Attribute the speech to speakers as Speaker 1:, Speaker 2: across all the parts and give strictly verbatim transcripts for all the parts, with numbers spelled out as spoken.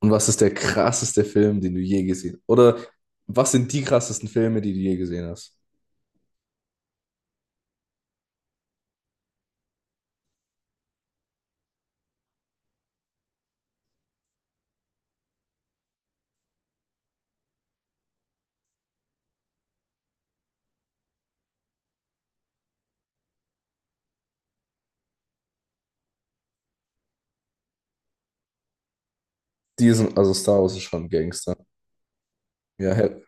Speaker 1: Und was ist der krasseste Film, den du je gesehen hast? Oder was sind die krassesten Filme, die du je gesehen hast? Die sind, also Star Wars ist schon Gangster. Ja, hell.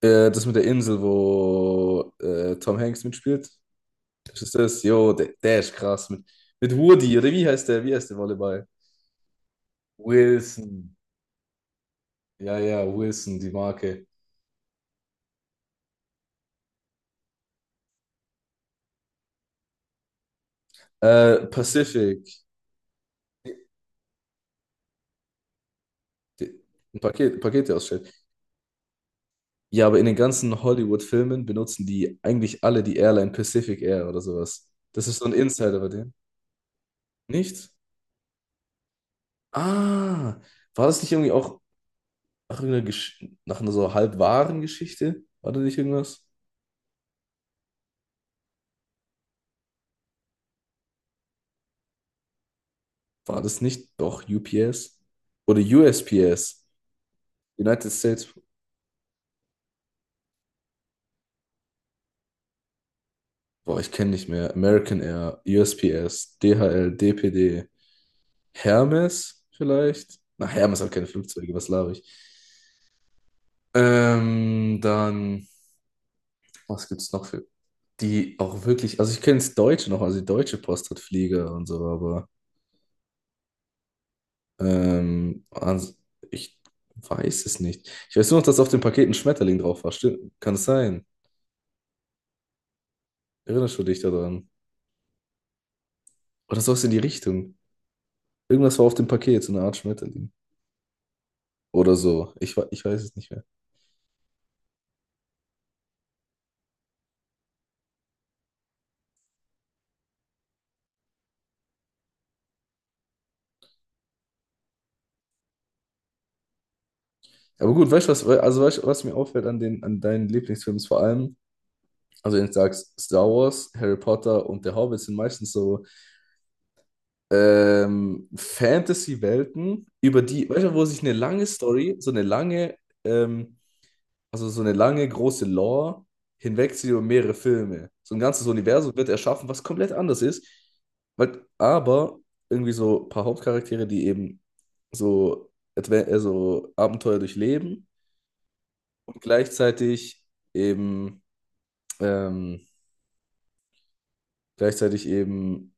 Speaker 1: Äh, das mit der Insel, wo äh, Tom Hanks mitspielt. Das ist das. Jo, der, der ist krass. Mit, mit Woody, oder wie heißt der? Wie heißt der Volleyball? Wilson. Ja, ja, Wilson, die Marke. Äh, Pacific. Die, ein Paket, Pakete ausstellt. Ja, aber in den ganzen Hollywood-Filmen benutzen die eigentlich alle die Airline Pacific Air oder sowas. Das ist so ein Insider bei denen. Nicht? Ah, war das nicht irgendwie auch nach irgendeiner, Gesch nach einer so halb wahren Geschichte? War da nicht irgendwas? War das nicht doch U P S? Oder U S P S? United States? Boah, ich kenne nicht mehr. American Air, U S P S, D H L, D P D, Hermes vielleicht? Na, Hermes hat keine Flugzeuge, was laber ich? Ähm, dann, was gibt's noch für. Die auch wirklich, also ich kenne das Deutsche noch, also die Deutsche Post hat Flieger und so, aber ähm, ans- ich weiß es nicht. Ich weiß nur noch, dass auf dem Paket ein Schmetterling drauf war. Stimmt, kann es sein? Erinnerst du dich daran? Oder sowas in die Richtung. Irgendwas war auf dem Paket, so eine Art Schmetterling. Oder so. Ich, we- ich weiß es nicht mehr. Aber gut, weißt du, was, we- also weißt, du, was mir auffällt an den, an deinen Lieblingsfilmen ist vor allem, also wenn du sagst, Star Wars, Harry Potter und der Hobbit sind meistens so ähm, Fantasy-Welten, über die, weißt du, wo sich eine lange Story, so eine lange, ähm, also so eine lange große Lore hinwegzieht über mehrere Filme. So ein ganzes Universum wird erschaffen, was komplett anders ist, weil, aber irgendwie so ein paar Hauptcharaktere, die eben so, Adve- äh, so Abenteuer durchleben und gleichzeitig eben, ähm, gleichzeitig eben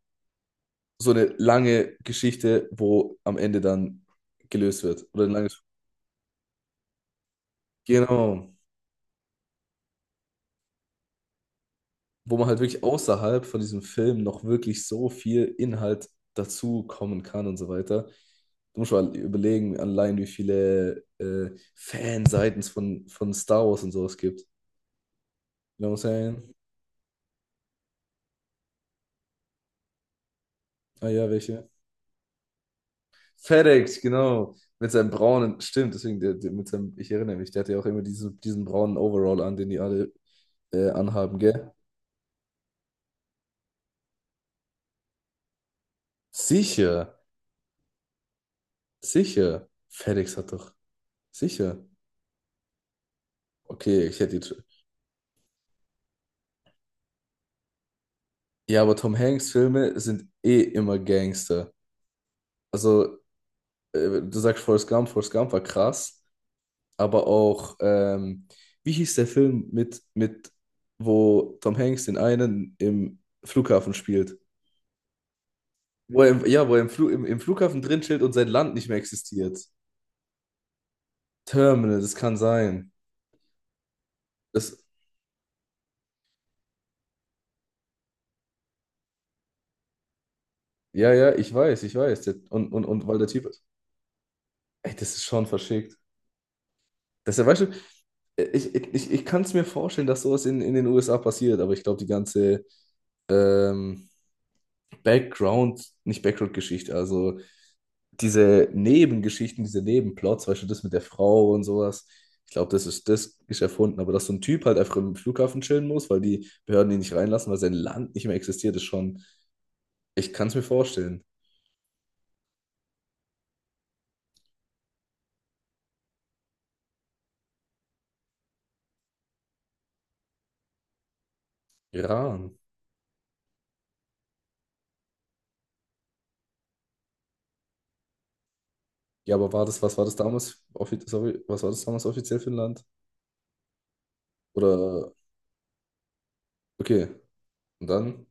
Speaker 1: so eine lange Geschichte, wo am Ende dann gelöst wird oder ein langes. Genau, wo man halt wirklich außerhalb von diesem Film noch wirklich so viel Inhalt dazu kommen kann und so weiter. Du musst mal überlegen, allein wie viele äh, Fanseiten von, von Star Wars und sowas gibt. You know what I'm saying? Ah ja, welche? FedEx, genau. Mit seinem braunen, stimmt, deswegen, der, der, mit seinem, ich erinnere mich, der hatte ja auch immer diesen, diesen braunen Overall an, den die alle äh, anhaben, gell? Sicher, sicher. FedEx hat doch, sicher. Okay, ich hätte jetzt. Ja, aber Tom Hanks Filme sind eh immer Gangster. Also, äh, du sagst Forrest Gump, Forrest Gump war krass, aber auch, ähm, wie hieß der Film mit, mit, wo Tom Hanks den einen im Flughafen spielt? Wo er im, ja, wo er im, Flu im, im Flughafen drin chillt und sein Land nicht mehr existiert. Terminal, das kann sein. Das, ja, ja, ich weiß, ich weiß. Der, und, und, und weil der Typ ist. Ey, das ist schon verschickt. Das ist ja, weißt du, ich, ich, ich kann es mir vorstellen, dass sowas in, in den U S A passiert, aber ich glaube, die ganze ähm, Background, nicht Background-Geschichte, also diese Nebengeschichten, diese Nebenplots, weißt du, das mit der Frau und sowas, ich glaube, das ist, das ist erfunden, aber dass so ein Typ halt einfach im Flughafen chillen muss, weil die Behörden ihn nicht reinlassen, weil sein Land nicht mehr existiert, ist schon, ich kann es mir vorstellen. Iran. Ja, aber war das, was war das damals, offi- sorry, was war das damals offiziell für ein Land? Oder, okay, und dann?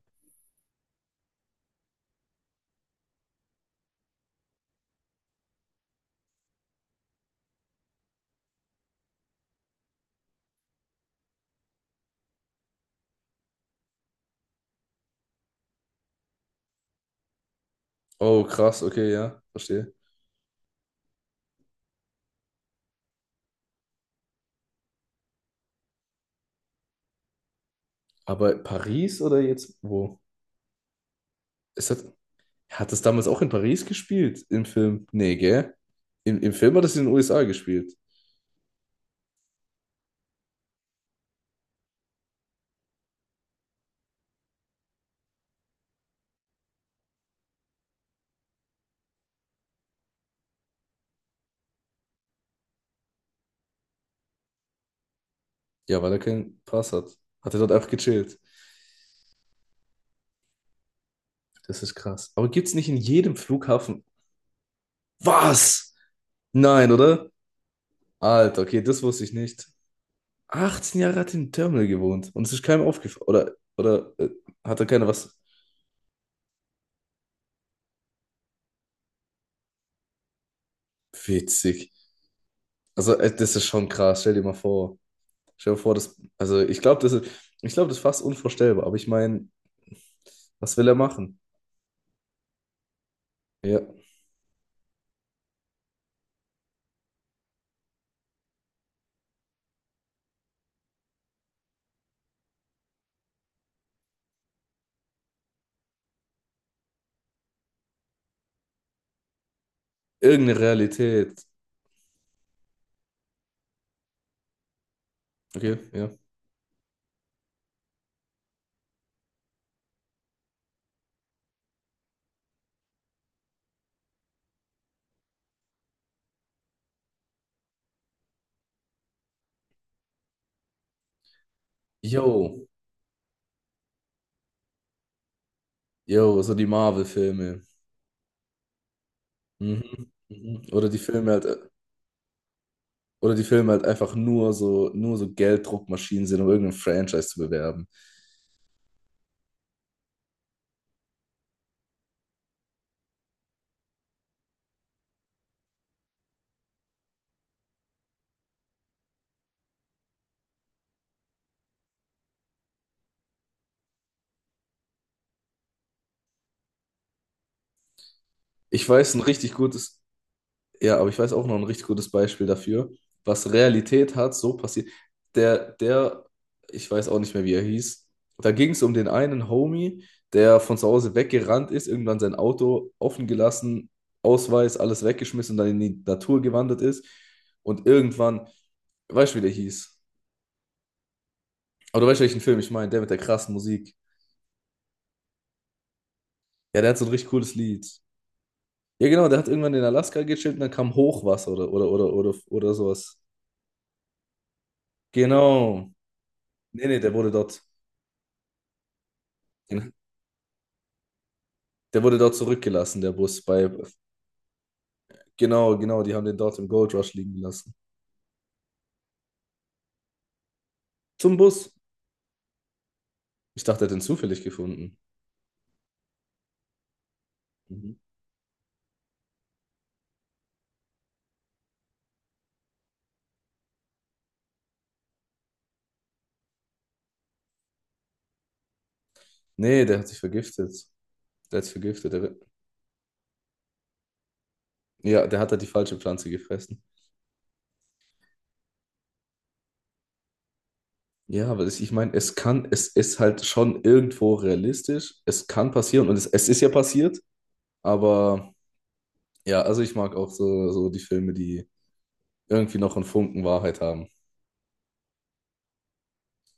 Speaker 1: Oh, krass, okay, ja, verstehe. Aber Paris oder jetzt wo? Ist das, hat das damals auch in Paris gespielt im Film? Nee, gell? Im, im Film hat es in den U S A gespielt. Ja, weil er keinen Pass hat. Hat er dort einfach gechillt. Das ist krass. Aber gibt's nicht in jedem Flughafen. Was? Nein, oder? Alter, okay, das wusste ich nicht. achtzehn Jahre hat er im Terminal gewohnt und es ist keinem aufgefallen. Oder, oder äh, hat er keiner was? Witzig. Also, äh, das ist schon krass. Stell dir mal vor. Stell dir vor, das, also ich glaube, das ist, ich glaube, das ist fast unvorstellbar, aber ich meine, was will er machen? Ja, irgendeine Realität. Okay, ja. Yo, yo, so die Marvel-Filme. Mhm. Mhm. Oder die Filme halt, oder die Filme halt einfach nur so, nur so Gelddruckmaschinen sind, um irgendein Franchise zu bewerben. Ich weiß, ein richtig gutes, Ja, aber ich weiß auch noch ein richtig gutes Beispiel dafür, was Realität hat, so passiert. Der, der, ich weiß auch nicht mehr, wie er hieß. Da ging es um den einen Homie, der von zu Hause weggerannt ist, irgendwann sein Auto offen gelassen, Ausweis, alles weggeschmissen und dann in die Natur gewandert ist. Und irgendwann, weißt du, wie der hieß? Aber du weißt, welchen Film ich meine, der mit der krassen Musik. Ja, der hat so ein richtig cooles Lied. Ja, genau, der hat irgendwann in Alaska gechillt und dann kam Hochwasser oder, oder, oder, oder, oder sowas. Genau. Nee, nee, der wurde dort. Den, der wurde dort zurückgelassen, der Bus. Bei, genau, genau, die haben den dort im Gold Rush liegen gelassen. Zum Bus. Ich dachte, er hat den zufällig gefunden. Mhm. Nee, der hat sich vergiftet. Der hat sich vergiftet. Der, ja, der hat da die falsche Pflanze gefressen. Ja, aber das, ich meine, es kann, es ist halt schon irgendwo realistisch. Es kann passieren und es, es ist ja passiert. Aber ja, also ich mag auch so, so die Filme, die irgendwie noch einen Funken Wahrheit haben.